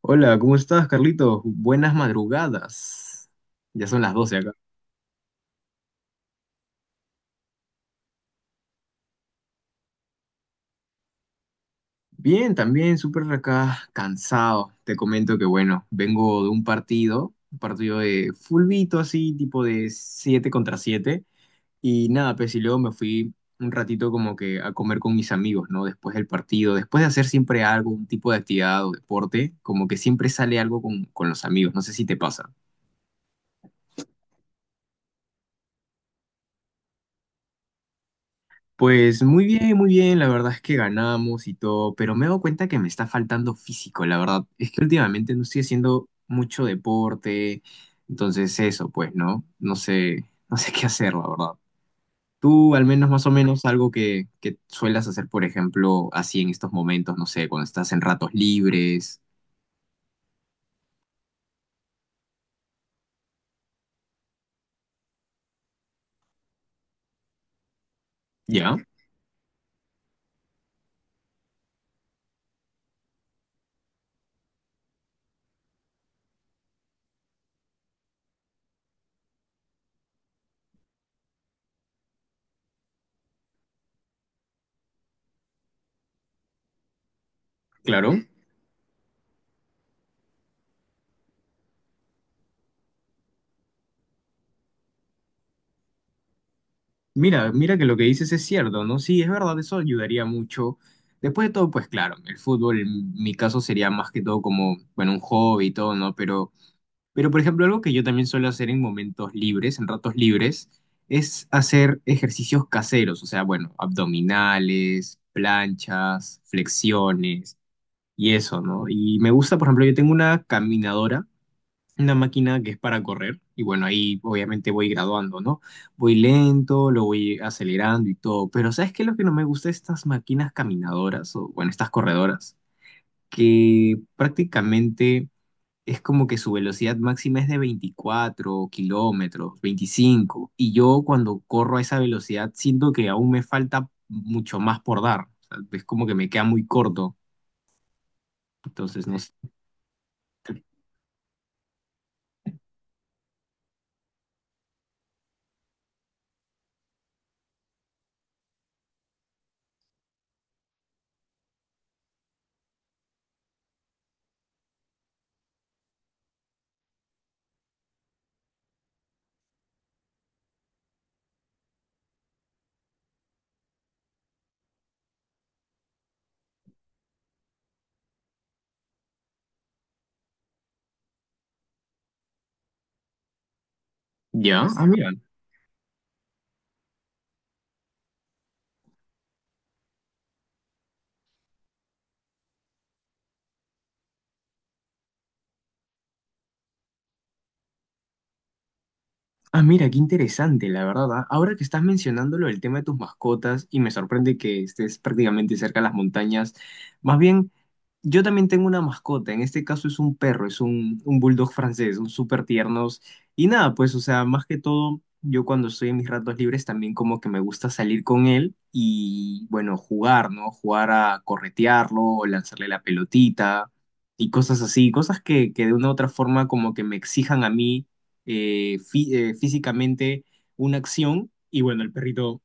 Hola, ¿cómo estás, Carlitos? Buenas madrugadas. Ya son las 12 acá. Bien, también súper acá cansado. Te comento que, bueno, vengo de un partido de fulbito así, tipo de 7 contra siete. Y nada, pues y luego me fui un ratito como que a comer con mis amigos, ¿no? Después del partido, después de hacer siempre algo, un tipo de actividad o deporte, como que siempre sale algo con los amigos. No sé si te pasa. Pues muy bien, la verdad es que ganamos y todo, pero me he dado cuenta que me está faltando físico, la verdad. Es que últimamente no estoy haciendo mucho deporte, entonces eso, pues, ¿no? No sé, no sé qué hacer, la verdad. Tú, al menos más o menos, algo que suelas hacer, por ejemplo, así en estos momentos, no sé, cuando estás en ratos libres. Ya, claro. Mira, mira que lo que dices es cierto, ¿no? Sí, es verdad, eso ayudaría mucho. Después de todo, pues claro, el fútbol en mi caso sería más que todo como, bueno, un hobby y todo, ¿no? Pero por ejemplo, algo que yo también suelo hacer en momentos libres, en ratos libres, es hacer ejercicios caseros, o sea, bueno, abdominales, planchas, flexiones y eso, ¿no? Y me gusta, por ejemplo, yo tengo una caminadora, una máquina que es para correr, y bueno, ahí obviamente voy graduando, ¿no? Voy lento, lo voy acelerando y todo, pero ¿sabes qué es lo que no me gusta de estas máquinas caminadoras o bueno, estas corredoras? Que prácticamente es como que su velocidad máxima es de 24 kilómetros, 25, y yo cuando corro a esa velocidad siento que aún me falta mucho más por dar, o sea, es como que me queda muy corto, entonces no sé. Ya, ah, mira. Ah, mira, qué interesante, la verdad. Ah, ahora que estás mencionándolo, el tema de tus mascotas, y me sorprende que estés prácticamente cerca de las montañas. Más bien, yo también tengo una mascota, en este caso es un perro, es un bulldog francés, son súper tiernos. Y nada, pues, o sea, más que todo, yo cuando estoy en mis ratos libres también como que me gusta salir con él y, bueno, jugar, ¿no? Jugar a corretearlo o lanzarle la pelotita y cosas así, cosas que de una u otra forma como que me exijan a mí físicamente una acción y bueno, el perrito,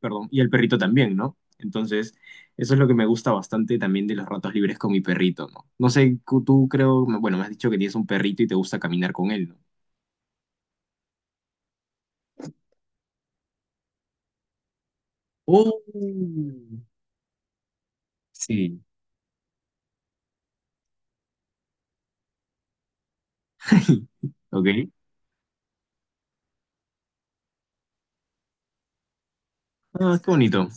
perdón, y el perrito también, ¿no? Entonces, eso es lo que me gusta bastante también de los ratos libres con mi perrito, ¿no? No sé, tú creo, bueno, me has dicho que tienes un perrito y te gusta caminar con él, ¿no? Oh, sí. Ok. Ah, qué bonito.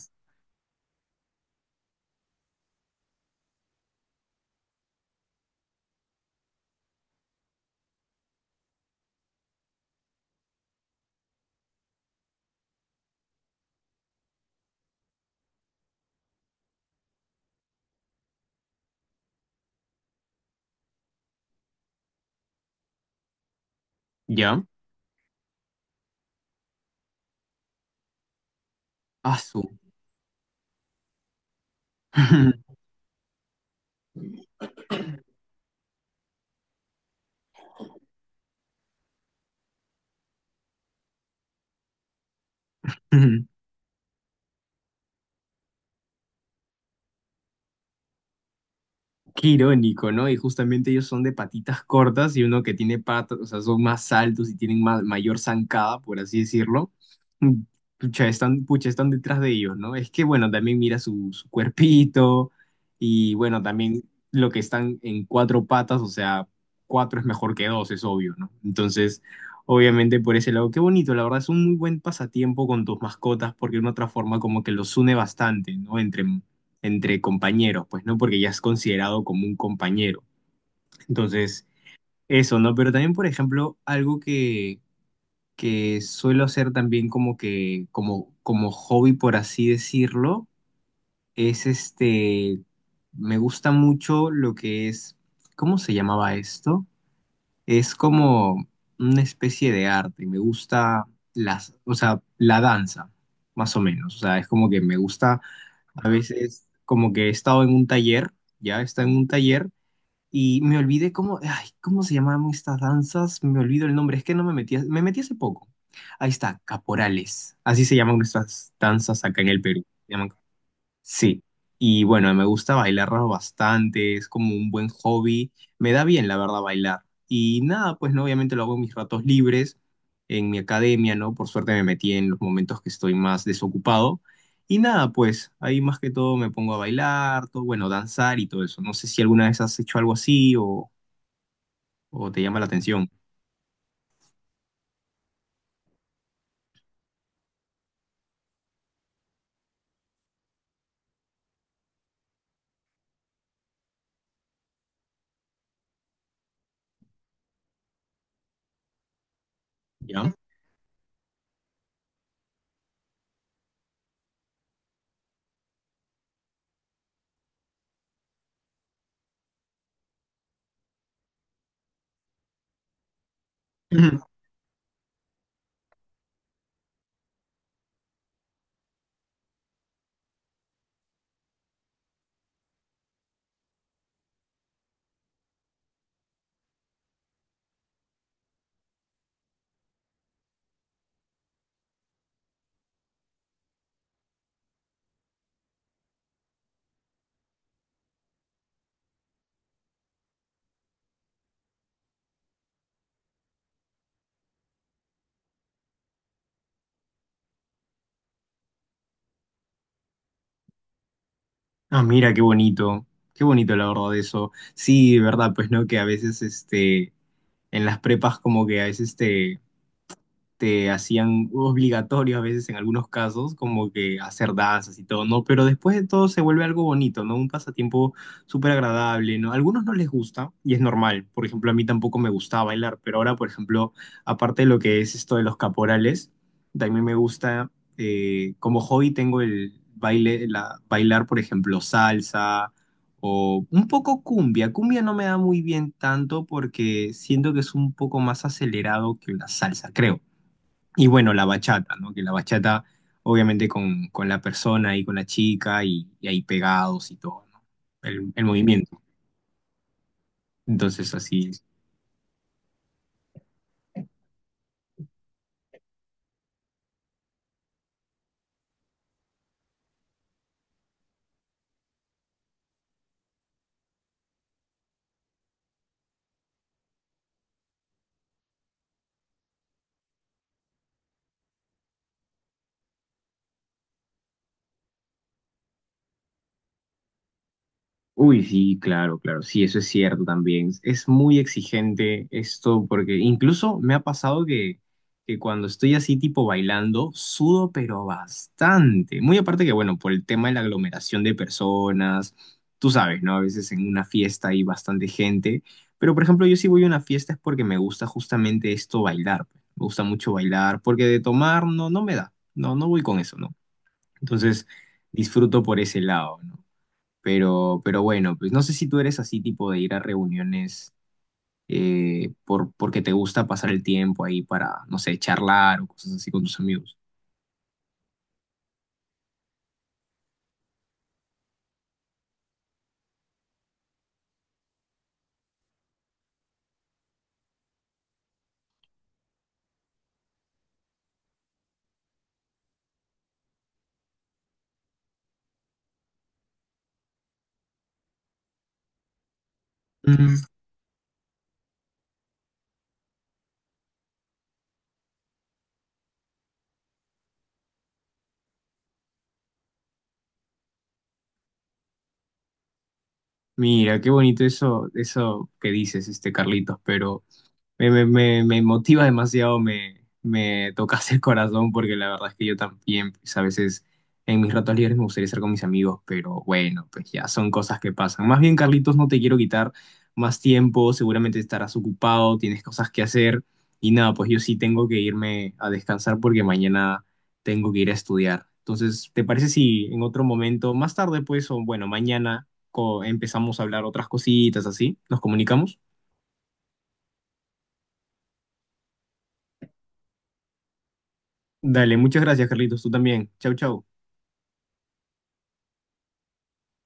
Ya. Asu. Qué irónico, ¿no? Y justamente ellos son de patitas cortas y uno que tiene patas, o sea, son más altos y tienen mayor zancada, por así decirlo. Mm. Pucha, están detrás de ellos, ¿no? Es que, bueno, también mira su, cuerpito y, bueno, también lo que están en cuatro patas, o sea, cuatro es mejor que dos, es obvio, ¿no? Entonces, obviamente por ese lado, qué bonito, la verdad, es un muy buen pasatiempo con tus mascotas porque de una otra forma como que los une bastante, ¿no? Entre compañeros, pues, ¿no? Porque ya es considerado como un compañero. Entonces, eso, ¿no? Pero también, por ejemplo, algo que suelo hacer también como hobby, por así decirlo, es este, me gusta mucho lo que es, ¿cómo se llamaba esto? Es como una especie de arte, me gusta o sea, la danza, más o menos, o sea, es como que me gusta a veces como que he estado en un taller, ya está en un taller y me olvidé cómo, ay, ¿cómo se llamaban estas danzas? Me olvido el nombre, es que no me metí, me metí hace poco. Ahí está, caporales. Así se llaman nuestras danzas acá en el Perú. Se llaman. Sí, y bueno, me gusta bailar bastante, es como un buen hobby, me da bien la verdad bailar. Y nada, pues no, obviamente lo hago en mis ratos libres, en mi academia, ¿no? Por suerte me metí en los momentos que estoy más desocupado. Y nada, pues ahí más que todo me pongo a bailar, todo, bueno, danzar y todo eso. No sé si alguna vez has hecho algo así o te llama la atención, ¿ya? Ah, mira, qué bonito la verdad eso. Sí, de verdad, pues no, que a veces este, en las prepas como que a veces te hacían obligatorio a veces en algunos casos, como que hacer danzas y todo, ¿no? Pero después de todo se vuelve algo bonito, ¿no? Un pasatiempo súper agradable, ¿no? A algunos no les gusta y es normal. Por ejemplo, a mí tampoco me gustaba bailar, pero ahora, por ejemplo, aparte de lo que es esto de los caporales, también me gusta, como hobby tengo el baile, bailar, por ejemplo, salsa. O un poco cumbia. Cumbia no me da muy bien tanto porque siento que es un poco más acelerado que la salsa, creo. Y bueno, la bachata, ¿no? Que la bachata, obviamente, con la persona y con la chica y ahí pegados y todo, ¿no? El movimiento. Entonces, así. Uy, sí, claro, claro, sí, eso es cierto también. Es muy exigente esto porque incluso me ha pasado que cuando estoy así tipo bailando, sudo pero bastante. Muy aparte que, bueno, por el tema de la aglomeración de personas, tú sabes, ¿no? A veces en una fiesta hay bastante gente, pero por ejemplo yo si voy a una fiesta es porque me gusta justamente esto bailar, pues. Me gusta mucho bailar porque de tomar no, no me da, no, no voy con eso, ¿no? Entonces disfruto por ese lado, ¿no? Pero bueno, pues no sé si tú eres así tipo de ir a reuniones porque te gusta pasar el tiempo ahí para, no sé, charlar o cosas así con tus amigos. Mm. Mira, qué bonito eso, eso que dices, este Carlitos, pero... Me motiva demasiado, me tocas el corazón porque la verdad es que yo también, pues a veces en mis ratos libres me gustaría estar con mis amigos, pero bueno, pues ya son cosas que pasan. Más bien, Carlitos, no te quiero quitar más tiempo, seguramente estarás ocupado, tienes cosas que hacer y nada, pues yo sí tengo que irme a descansar porque mañana tengo que ir a estudiar. Entonces, ¿te parece si en otro momento, más tarde pues, o bueno, mañana empezamos a hablar otras cositas así? ¿Nos comunicamos? Dale, muchas gracias, Carlitos. Tú también. Chau, chau.